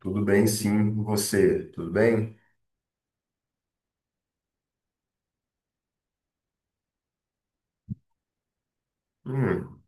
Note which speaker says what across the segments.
Speaker 1: Tudo bem, sim, e você, tudo bem? Hum,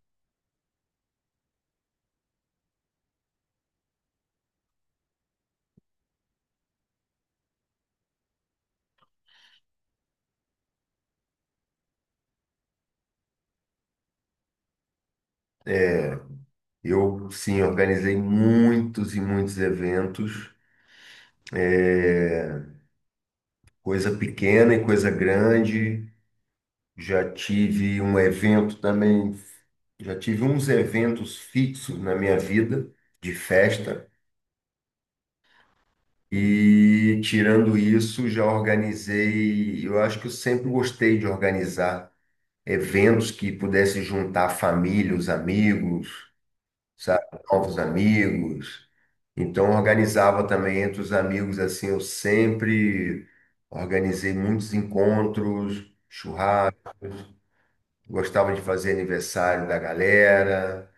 Speaker 1: eu, sim, organizei muitos e muitos eventos, é, coisa pequena e coisa grande. Já tive um evento também, já tive uns eventos fixos na minha vida de festa. E tirando isso, já organizei. Eu acho que eu sempre gostei de organizar eventos que pudesse juntar a família, os amigos, sabe? Novos amigos. Então, organizava também entre os amigos, assim, eu sempre organizei muitos encontros, churrasco, gostava de fazer aniversário da galera.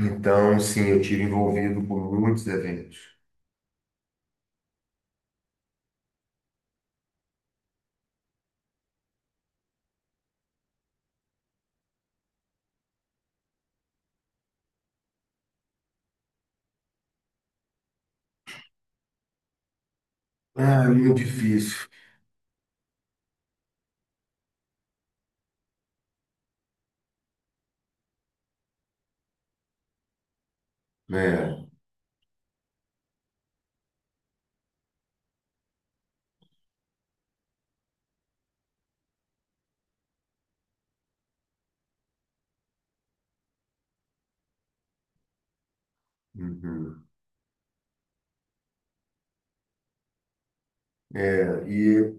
Speaker 1: Então, sim, eu tive envolvido por muitos eventos. Ah, é muito difícil, né? Uhum. E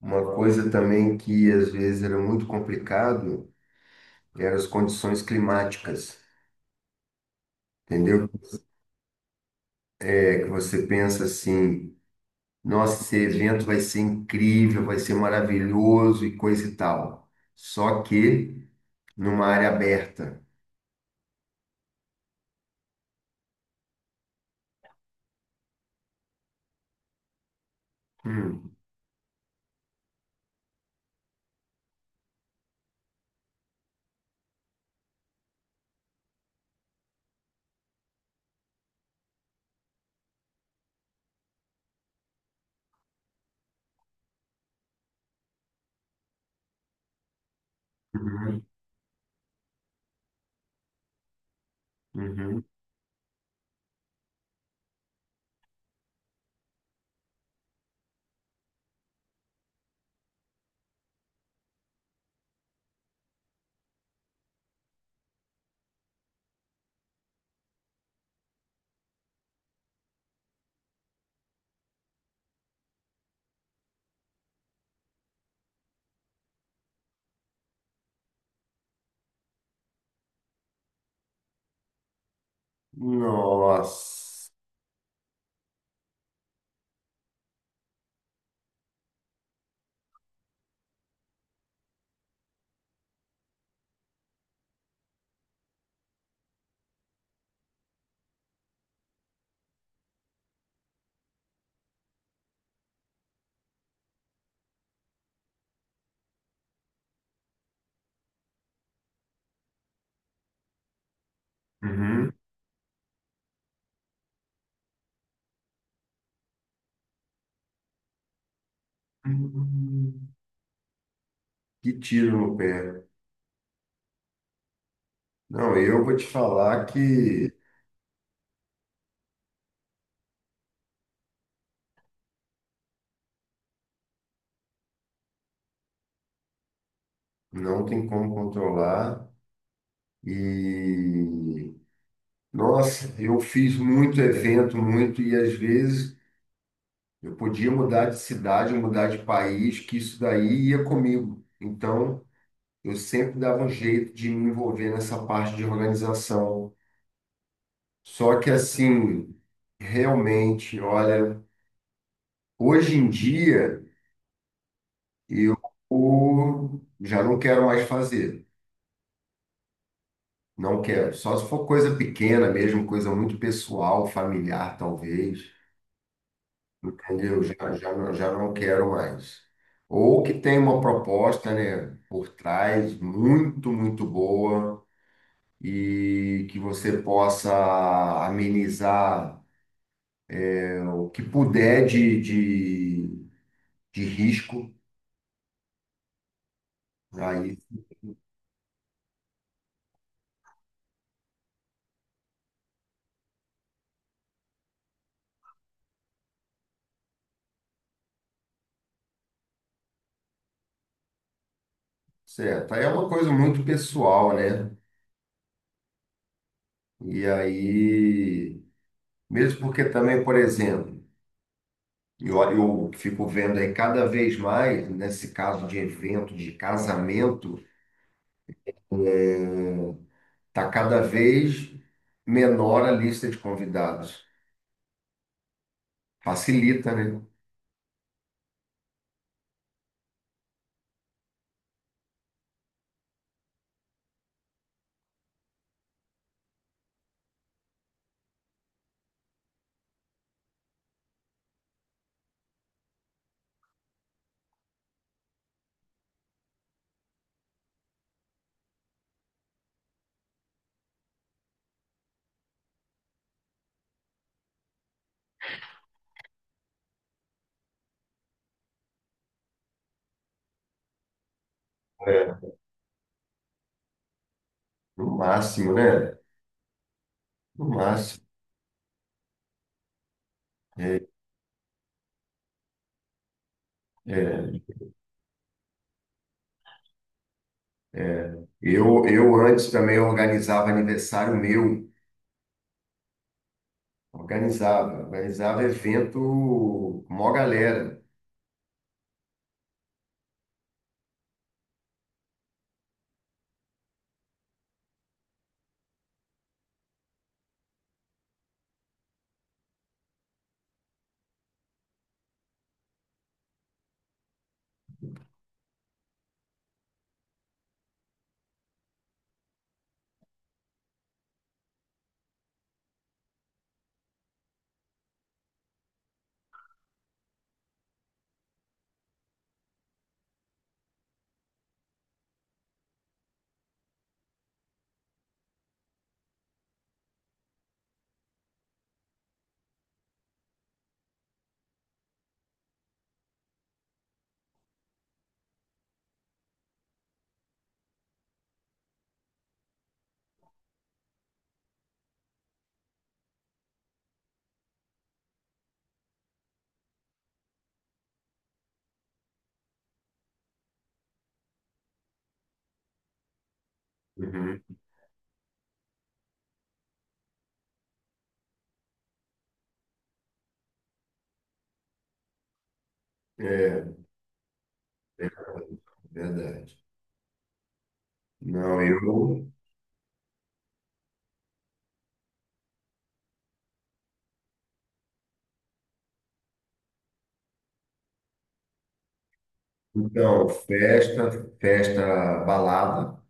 Speaker 1: uma coisa também que às vezes era muito complicado eram as condições climáticas, entendeu? É que você pensa assim, nossa, esse evento vai ser incrível, vai ser maravilhoso e coisa e tal. Só que numa área aberta. Hum, uhum, uhum. Nossa. Uhum. Hum, que tiro no pé. Não, eu vou te falar que não tem como controlar. E, nossa, eu fiz muito evento, muito, e às vezes eu podia mudar de cidade, mudar de país, que isso daí ia comigo. Então, eu sempre dava um jeito de me envolver nessa parte de organização. Só que assim, realmente, olha, hoje em dia eu já não quero mais fazer. Não quero. Só se for coisa pequena mesmo, coisa muito pessoal, familiar, talvez. Entendeu? Já, já não quero mais. Ou que tem uma proposta, né, por trás, muito, muito boa, e que você possa amenizar o que puder de risco, aí, certo. Aí é uma coisa muito pessoal, né? E aí, mesmo porque também, por exemplo, eu, eu fico vendo aí cada vez mais, nesse caso de evento, de casamento, é, tá cada vez menor a lista de convidados. Facilita, né? É. No máximo, né? No máximo. É. É. Eu antes também organizava aniversário meu, organizava, organizava evento, mó galera. Uhum. É, verdade. Não, eu. Então, festa, festa, balada,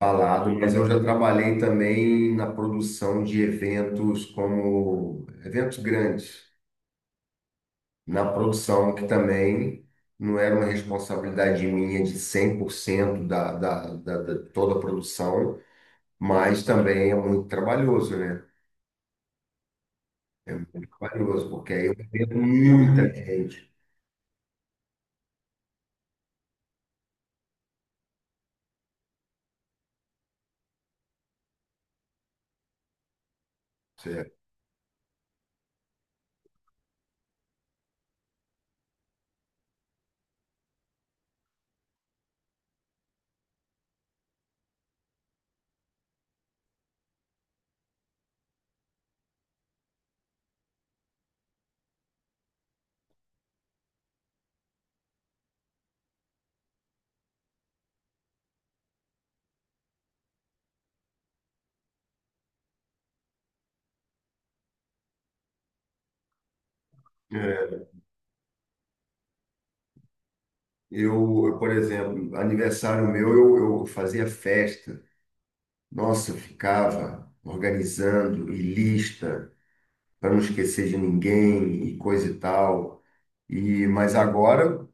Speaker 1: balada, mas eu já trabalhei também na produção de eventos como eventos grandes. Na produção, que também não era uma responsabilidade minha de 100% da, da, da, da toda a produção, mas também é muito trabalhoso, né? É muito trabalhoso, porque aí eu atendo muita gente. Certo? É. Por exemplo, aniversário meu, eu fazia festa. Nossa, eu ficava organizando e lista para não esquecer de ninguém e coisa e tal. E, mas agora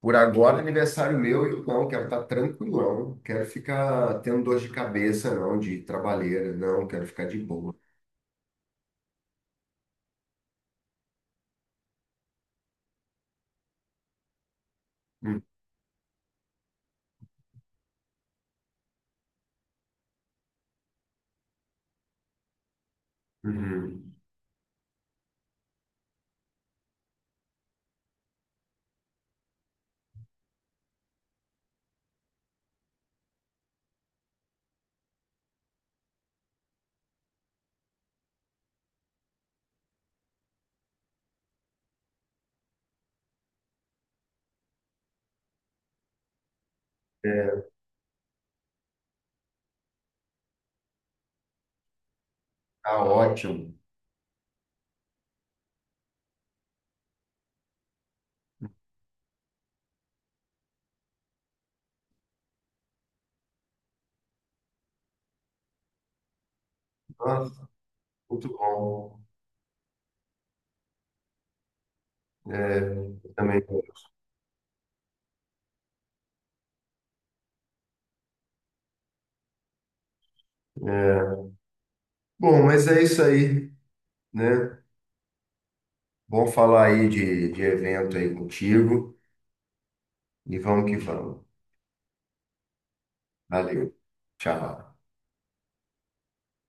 Speaker 1: por agora, é aniversário meu, eu não quero estar tranquilão, quero ficar tendo dor de cabeça, não, de trabalheira, não, quero ficar de boa. Hum, uhum. É, tá ótimo. Nossa, muito bom. É, também. É. Bom, mas é isso aí, né? Bom falar aí de evento aí contigo e vamos que vamos. Valeu, tchau.